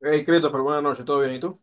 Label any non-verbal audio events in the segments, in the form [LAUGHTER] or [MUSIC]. Hey, Christopher, buenas noches, ¿todo bien? ¿Y tú?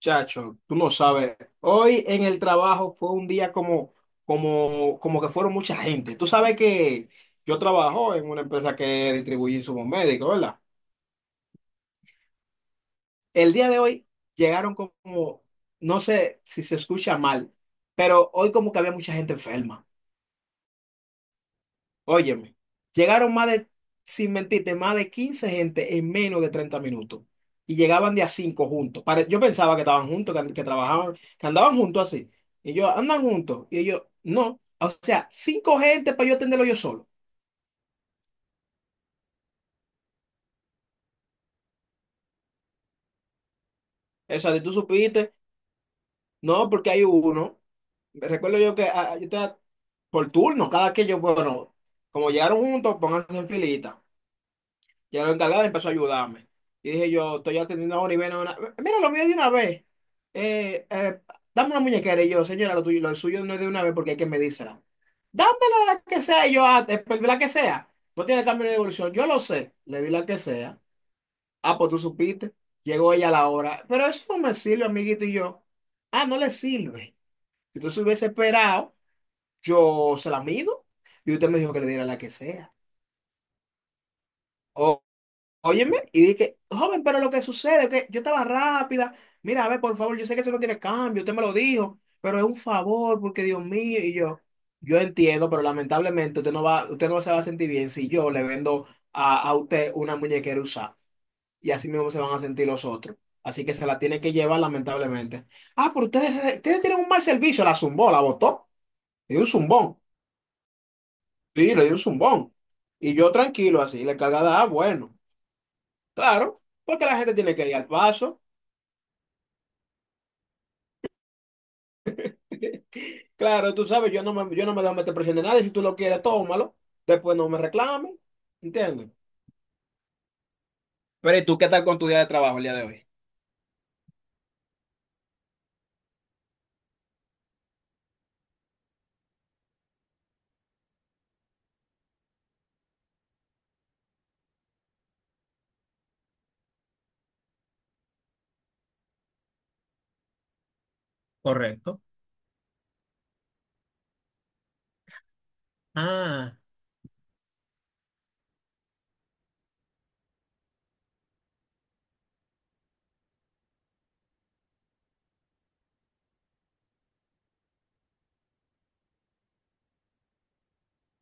Chacho, tú no sabes, hoy en el trabajo fue un día como que fueron mucha gente. Tú sabes que yo trabajo en una empresa que distribuye insumos médicos, ¿verdad? El día de hoy llegaron como, no sé si se escucha mal, pero hoy como que había mucha gente enferma. Óyeme, llegaron más de, sin mentirte, más de 15 gente en menos de 30 minutos. Y llegaban de a 5 juntos. Yo pensaba que estaban juntos, que trabajaban, que andaban juntos así. Y yo, andan juntos. Y ellos, no. O sea, cinco gente para yo atenderlo yo solo. Esa de tú supiste, no, porque hay uno. Recuerdo yo que yo estaba por turno, cada que yo, bueno, como llegaron juntos, pónganse en filita. Ya la encargada empezó a ayudarme. Y dije yo, estoy atendiendo ahora y ven a una. Mira, lo mío de una vez. Eh, eh, dame una muñequera. Y yo, señora, lo tuyo, lo suyo no es de una vez porque hay que medírsela. Dámela la que sea. Y yo, pues, la que sea. No tiene cambio de devolución. Yo lo sé. Le di la que sea. Ah, pues tú supiste. Llegó ella a la hora. Pero eso no me sirve, amiguito. Y yo, no le sirve. Si tú se hubiese esperado, yo se la mido. Y usted me dijo que le diera la que sea. Óyeme, y dije, joven, pero lo que sucede es que yo estaba rápida. Mira, a ver, por favor, yo sé que eso no tiene cambio, usted me lo dijo, pero es un favor, porque Dios mío, y yo entiendo, pero lamentablemente usted no va, usted no se va a sentir bien si yo le vendo a usted una muñequera usada, y así mismo se van a sentir los otros. Así que se la tiene que llevar, lamentablemente. Ah, pero ustedes tienen un mal servicio, la zumbó, la botó, le dio un zumbón, sí, le dio un zumbón. Y yo tranquilo, así, la encargada, bueno, claro, porque la gente tiene que ir al paso. Claro, tú sabes, yo no me dejo meter presión de nadie. Si tú lo quieres, tómalo. Después no me reclames. ¿Entiendes? Pero ¿y tú qué tal con tu día de trabajo el día de hoy? Correcto. Ah,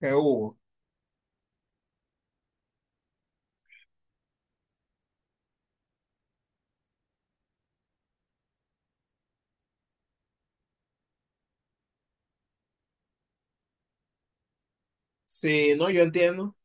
¿qué hubo? Sí, no, yo entiendo.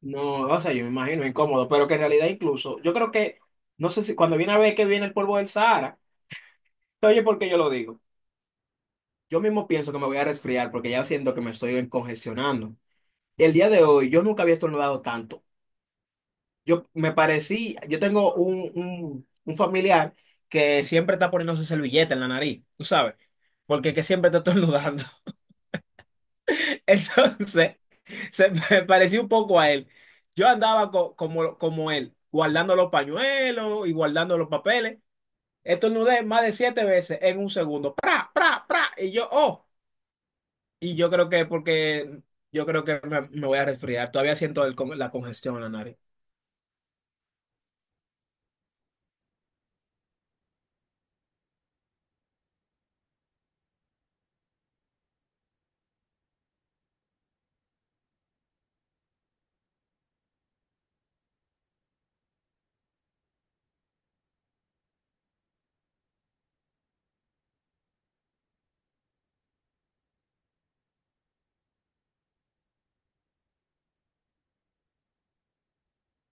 No, o sea, yo me imagino incómodo, pero que en realidad incluso, yo creo que, no sé si cuando viene a ver que viene el polvo del Sahara, oye, ¿por qué yo lo digo? Yo mismo pienso que me voy a resfriar porque ya siento que me estoy congestionando. El día de hoy yo nunca había estornudado tanto. Yo me parecí, yo tengo un familiar que siempre está poniéndose servilleta en la nariz, tú sabes, porque que siempre está estornudando. [LAUGHS] Entonces, se me pareció un poco a él. Yo andaba como él, guardando los pañuelos y guardando los papeles. Estornudé más de siete veces en un segundo. ¡Pra, pra, pra! Y yo, y yo creo que me voy a resfriar. Todavía siento la congestión en la nariz.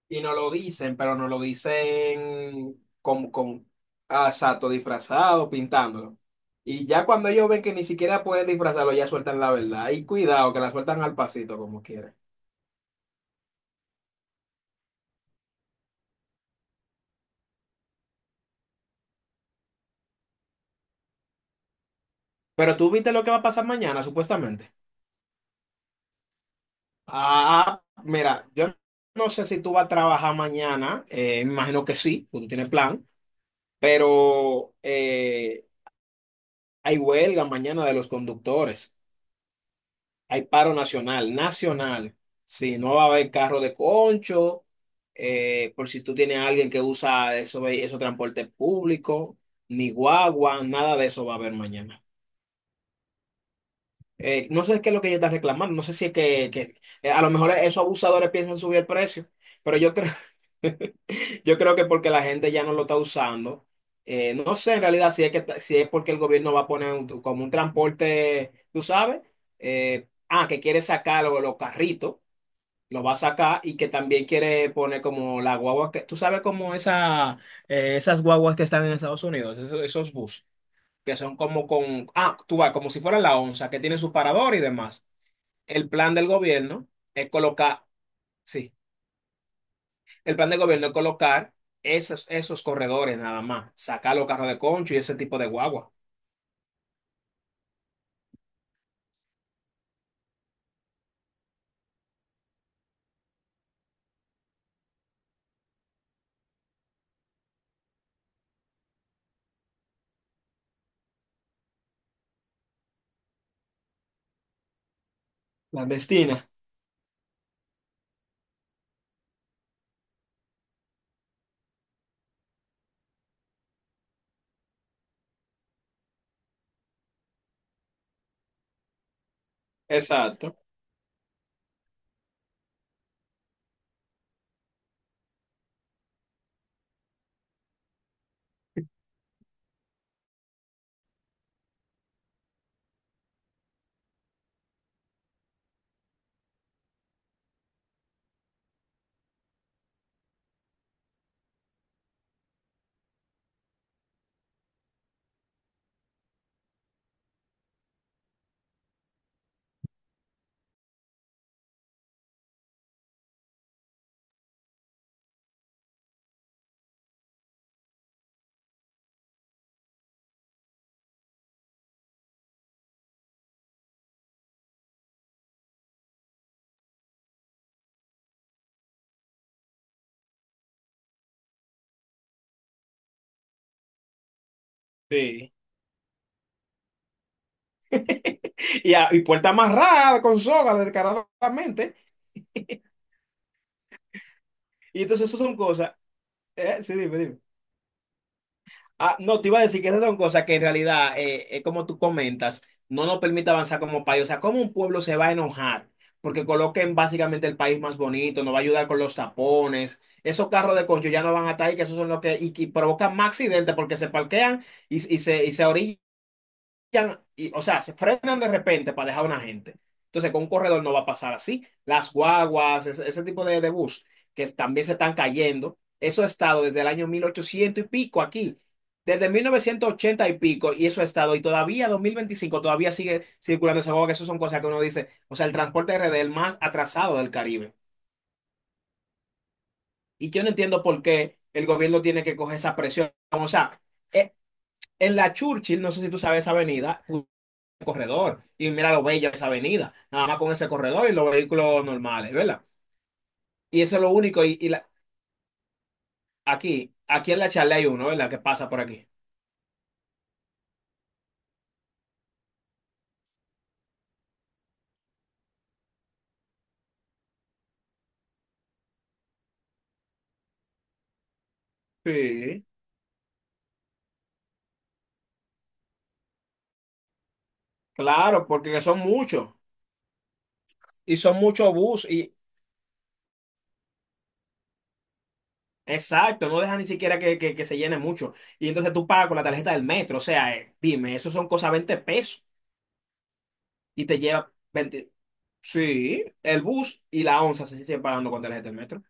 Y no lo dicen, pero no lo dicen con, exacto, disfrazado, pintándolo. Y ya cuando ellos ven que ni siquiera pueden disfrazarlo, ya sueltan la verdad. Y cuidado, que la sueltan al pasito como quieran. Pero tú viste lo que va a pasar mañana, supuestamente. Ah, mira, yo no sé si tú vas a trabajar mañana, me imagino que sí, porque tú tienes plan, pero hay huelga mañana de los conductores. Hay paro nacional, nacional. Sí, no va a haber carro de concho, por si tú tienes a alguien que usa eso, esos transportes públicos, ni guagua, nada de eso va a haber mañana. No sé qué es lo que ella está reclamando, no sé si a lo mejor esos abusadores piensan subir el precio, pero yo creo, [LAUGHS] yo creo que porque la gente ya no lo está usando, no sé en realidad si si es porque el gobierno va a poner como un transporte, tú sabes, eh, que quiere sacar los carritos. Lo va a sacar y que también quiere poner como la guagua que, tú sabes como esa, esas guaguas que están en Estados Unidos, esos bus, que son como tú vas, como si fuera la onza, que tiene su parador y demás. El plan del gobierno es colocar, sí, el plan del gobierno es colocar esos corredores nada más, sacar los carros de concho y ese tipo de guagua. Clandestina. Exacto. Sí. [LAUGHS] Y puerta amarrada con soga descaradamente. Y entonces eso son cosas. Sí, dime, dime. Ah, no, te iba a decir que esas son cosas que en realidad, como tú comentas, no nos permite avanzar como país. O sea, ¿cómo un pueblo se va a enojar? Porque coloquen básicamente el país más bonito, nos va a ayudar con los tapones. Esos carros de concho ya no van a estar ahí, que esos son los que, y, que provocan más accidentes porque se parquean y se orillan y, o sea, se frenan de repente para dejar a una gente. Entonces, con un corredor no va a pasar así. Las guaguas, ese tipo de bus que también se están cayendo, eso ha estado desde el año 1800 y pico aquí, desde 1980 y pico, y eso ha estado, y todavía 2025 todavía sigue circulando esa guagua, que eso son cosas que uno dice, o sea, el transporte RD es el más atrasado del Caribe. Y yo no entiendo por qué el gobierno tiene que coger esa presión. O sea, eh, en la Churchill, no sé si tú sabes esa avenida, corredor y mira lo bella esa avenida, nada más con ese corredor y los vehículos normales, ¿verdad? Y eso es lo único. Aquí, aquí en la charla hay uno, ¿verdad? Que pasa por aquí. Sí, claro, porque son muchos y son muchos bus y exacto, no deja ni siquiera que se llene mucho. Y entonces tú pagas con la tarjeta del metro, o sea, dime, eso son cosas 20 pesos y te lleva 20. Sí, el bus y la onza se siguen pagando con tarjeta del metro.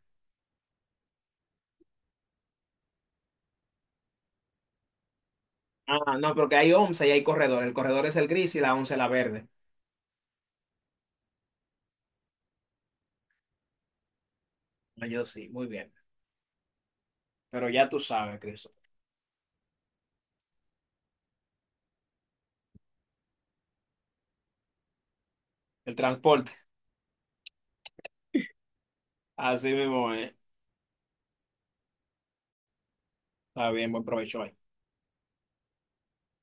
Ah, no, porque hay onza y hay corredor. El corredor es el gris y la onza es la verde. Ah, yo sí, muy bien. Pero ya tú sabes, Cristo. El transporte, así mismo es. Está bien, buen provecho ahí.